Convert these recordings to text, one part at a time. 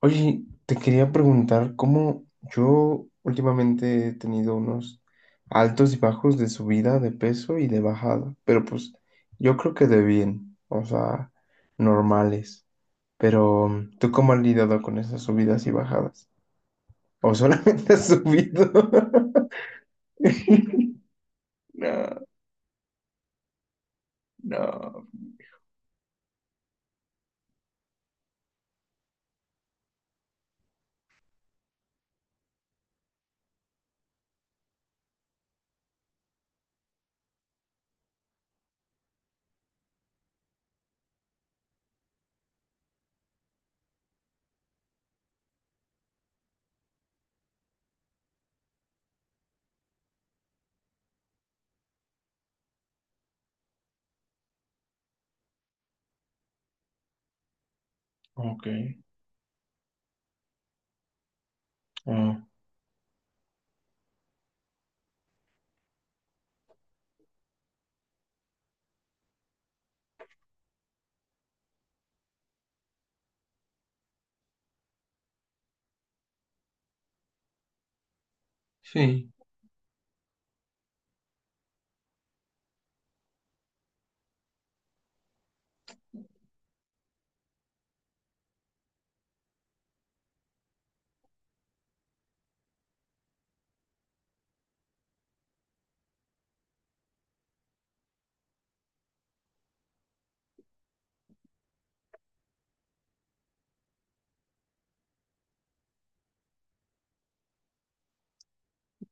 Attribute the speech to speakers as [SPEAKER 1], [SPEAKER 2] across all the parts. [SPEAKER 1] Oye, te quería preguntar cómo yo últimamente he tenido unos altos y bajos de subida de peso y de bajada, pero pues yo creo que de bien, o sea, normales. Pero ¿tú cómo has lidiado con esas subidas y bajadas? ¿O solamente has subido? No, no. Ok. Ah, sí.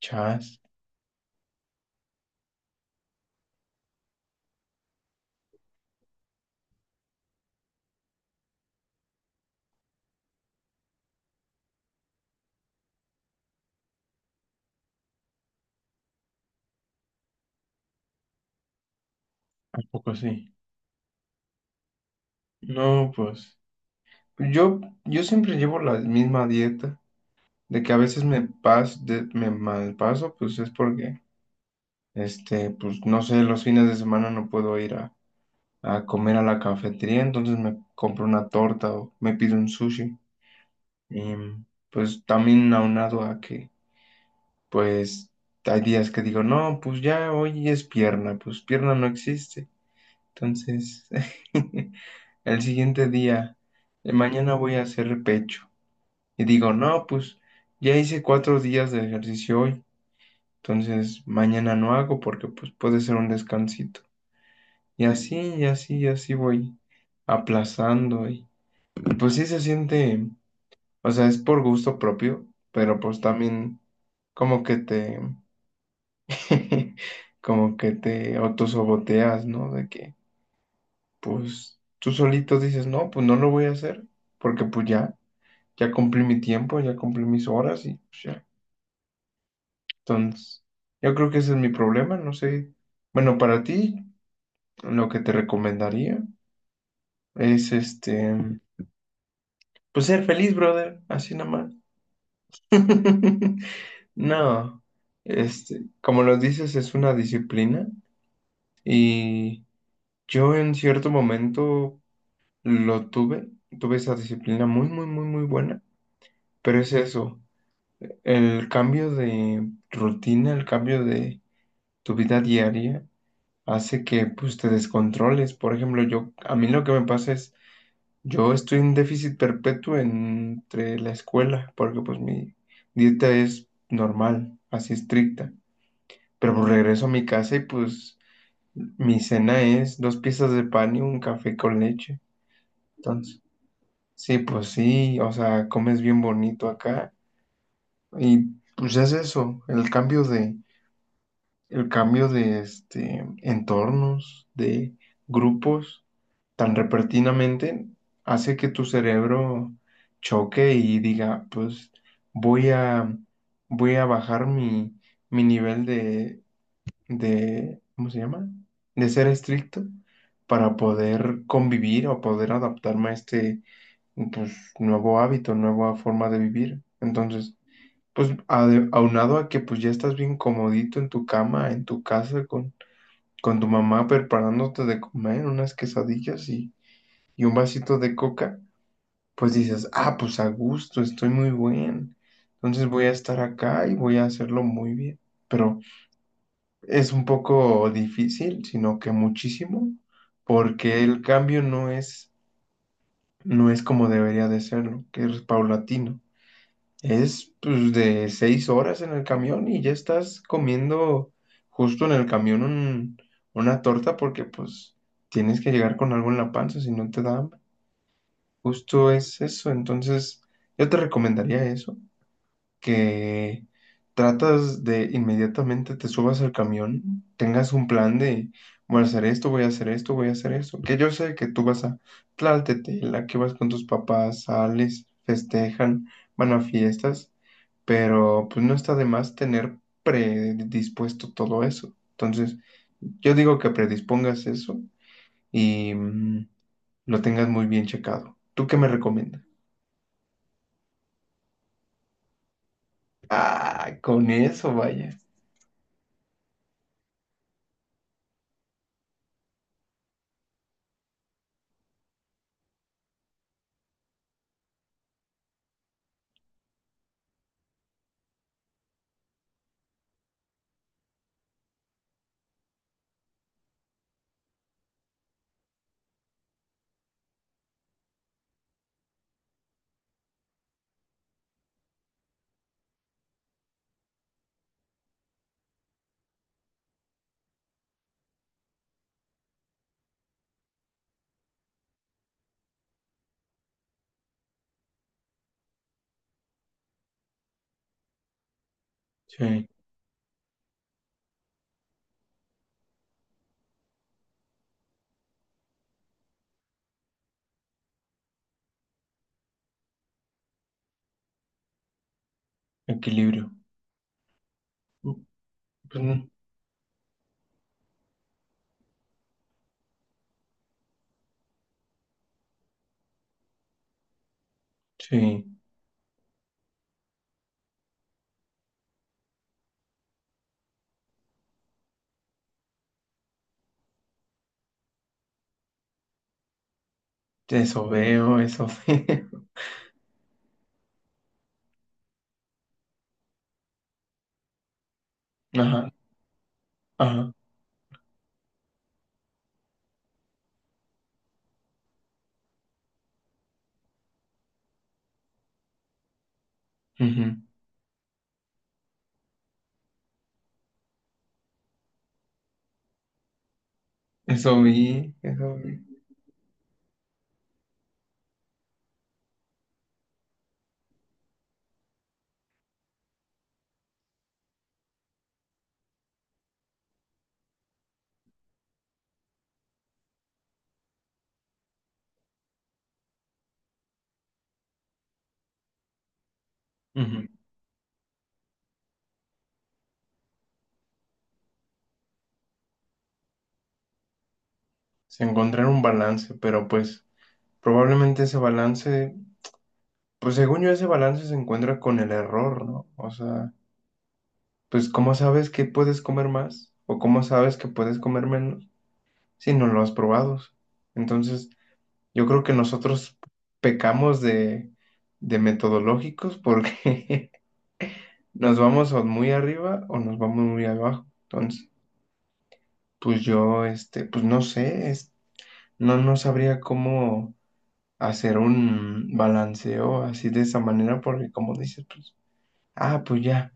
[SPEAKER 1] Chas. ¿A poco sí? No, pues yo, yo siempre llevo la misma dieta. De que a veces me pas, de- me mal paso pues es porque, pues no sé, los fines de semana no puedo ir a comer a la cafetería, entonces me compro una torta o me pido un sushi. Y pues también aunado a que, pues hay días que digo, no, pues ya hoy es pierna, pues pierna no existe. Entonces, el siguiente día, mañana voy a hacer pecho. Y digo, no, pues ya hice cuatro días de ejercicio hoy. Entonces, mañana no hago porque pues puede ser un descansito. Y así, y así, y así voy aplazando. Y, y pues sí se siente, o sea, es por gusto propio, pero pues también como que te, como que te autosaboteas, ¿no? De que pues tú solito dices, no, pues no lo voy a hacer porque pues ya, ya cumplí mi tiempo, ya cumplí mis horas y pues ya. Entonces, yo creo que ese es mi problema, no sé. Bueno, para ti. Lo que te recomendaría es pues ser feliz, brother, así nomás. No, este, como lo dices, es una disciplina y yo en cierto momento lo tuve, tuve esa disciplina muy, muy, muy, muy buena, pero es eso, el cambio de rutina, el cambio de tu vida diaria hace que pues te descontroles. Por ejemplo, yo, a mí lo que me pasa es, yo estoy en déficit perpetuo entre la escuela, porque pues mi dieta es normal, así estricta. Pero pues regreso a mi casa y pues mi cena es dos piezas de pan y un café con leche. Entonces, sí, pues sí, o sea, comes bien bonito acá. Y pues es eso, el cambio de este entornos, de grupos, tan repentinamente hace que tu cerebro choque y diga, pues voy a, voy a bajar mi, mi nivel de, ¿cómo se llama? De ser estricto para poder convivir o poder adaptarme a este, pues, nuevo hábito, nueva forma de vivir. Entonces, pues ade- aunado a que pues ya estás bien comodito en tu cama, en tu casa, con tu mamá preparándote de comer unas quesadillas y un vasito de coca, pues dices, ah, pues a gusto, estoy muy bien. Entonces voy a estar acá y voy a hacerlo muy bien. Pero es un poco difícil, sino que muchísimo, porque el cambio no es, no es como debería de serlo, que es paulatino. Es pues de seis horas en el camión y ya estás comiendo justo en el camión un- una torta porque pues tienes que llegar con algo en la panza, si no te da. Justo es eso, entonces yo te recomendaría eso, que tratas de inmediatamente te subas al camión, tengas un plan de voy a hacer esto, voy a hacer esto, voy a hacer esto, que yo sé que tú vas a la que vas con tus papás, sales, festejan, van a fiestas, pero pues no está de más tener predispuesto todo eso. Entonces, yo digo que predispongas eso y lo tengas muy bien checado. ¿Tú qué me recomiendas? Ah, con eso, vaya. Sí, equilibrio. Pues, mm, sí, eso veo, eso veo. Ajá, ajá. Ujú. Eso vi, eso vi. Ujú. Se encontrar un balance, pero pues probablemente ese balance, pues según yo ese balance se encuentra con el error, ¿no? O sea, pues ¿cómo sabes que puedes comer más? ¿O cómo sabes que puedes comer menos si no lo has probado? Entonces, yo creo que nosotros pecamos de metodológicos porque nos vamos o muy arriba o nos vamos muy abajo. Entonces, pues yo, pues no sé, es- no, no sabría cómo hacer un balanceo así de esa manera porque como dices, pues, ah, pues ya,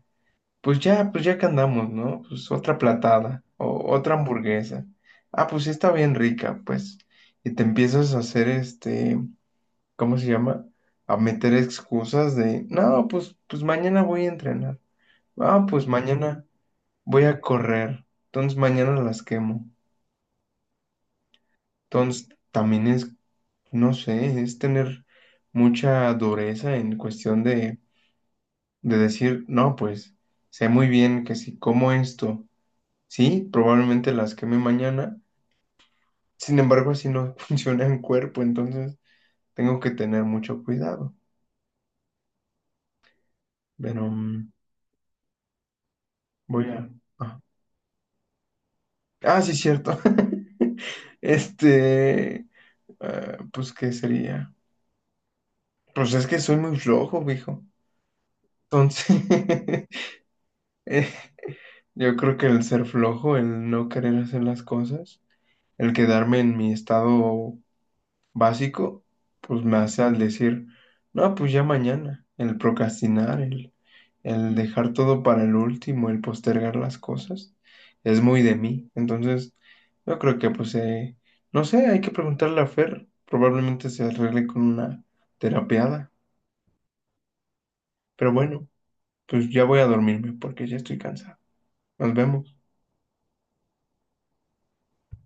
[SPEAKER 1] pues ya, pues ya que andamos, ¿no? Pues otra platada o otra hamburguesa. Ah, pues sí está bien rica, pues. Y te empiezas a hacer ¿cómo se llama? A meter excusas de, no, pues, pues mañana voy a entrenar. Ah, pues mañana voy a correr. Entonces mañana las quemo. Entonces también es, no sé, es tener mucha dureza en cuestión de decir, no, pues sé muy bien que si como esto, sí, probablemente las queme mañana. Sin embargo, así no funciona en cuerpo, entonces tengo que tener mucho cuidado. Pero voy a... ajá. Ah, sí, cierto. Este, ah, pues, ¿qué sería? Pues es que soy muy flojo, viejo. Entonces, eh, yo creo que el ser flojo, el no querer hacer las cosas, el quedarme en mi estado básico, pues me hace al decir, no, pues ya mañana, el procrastinar, el dejar todo para el último, el postergar las cosas, es muy de mí. Entonces, yo creo que, pues, no sé, hay que preguntarle a Fer, probablemente se arregle con una terapeada, pero bueno, pues ya voy a dormirme porque ya estoy cansado. Nos vemos.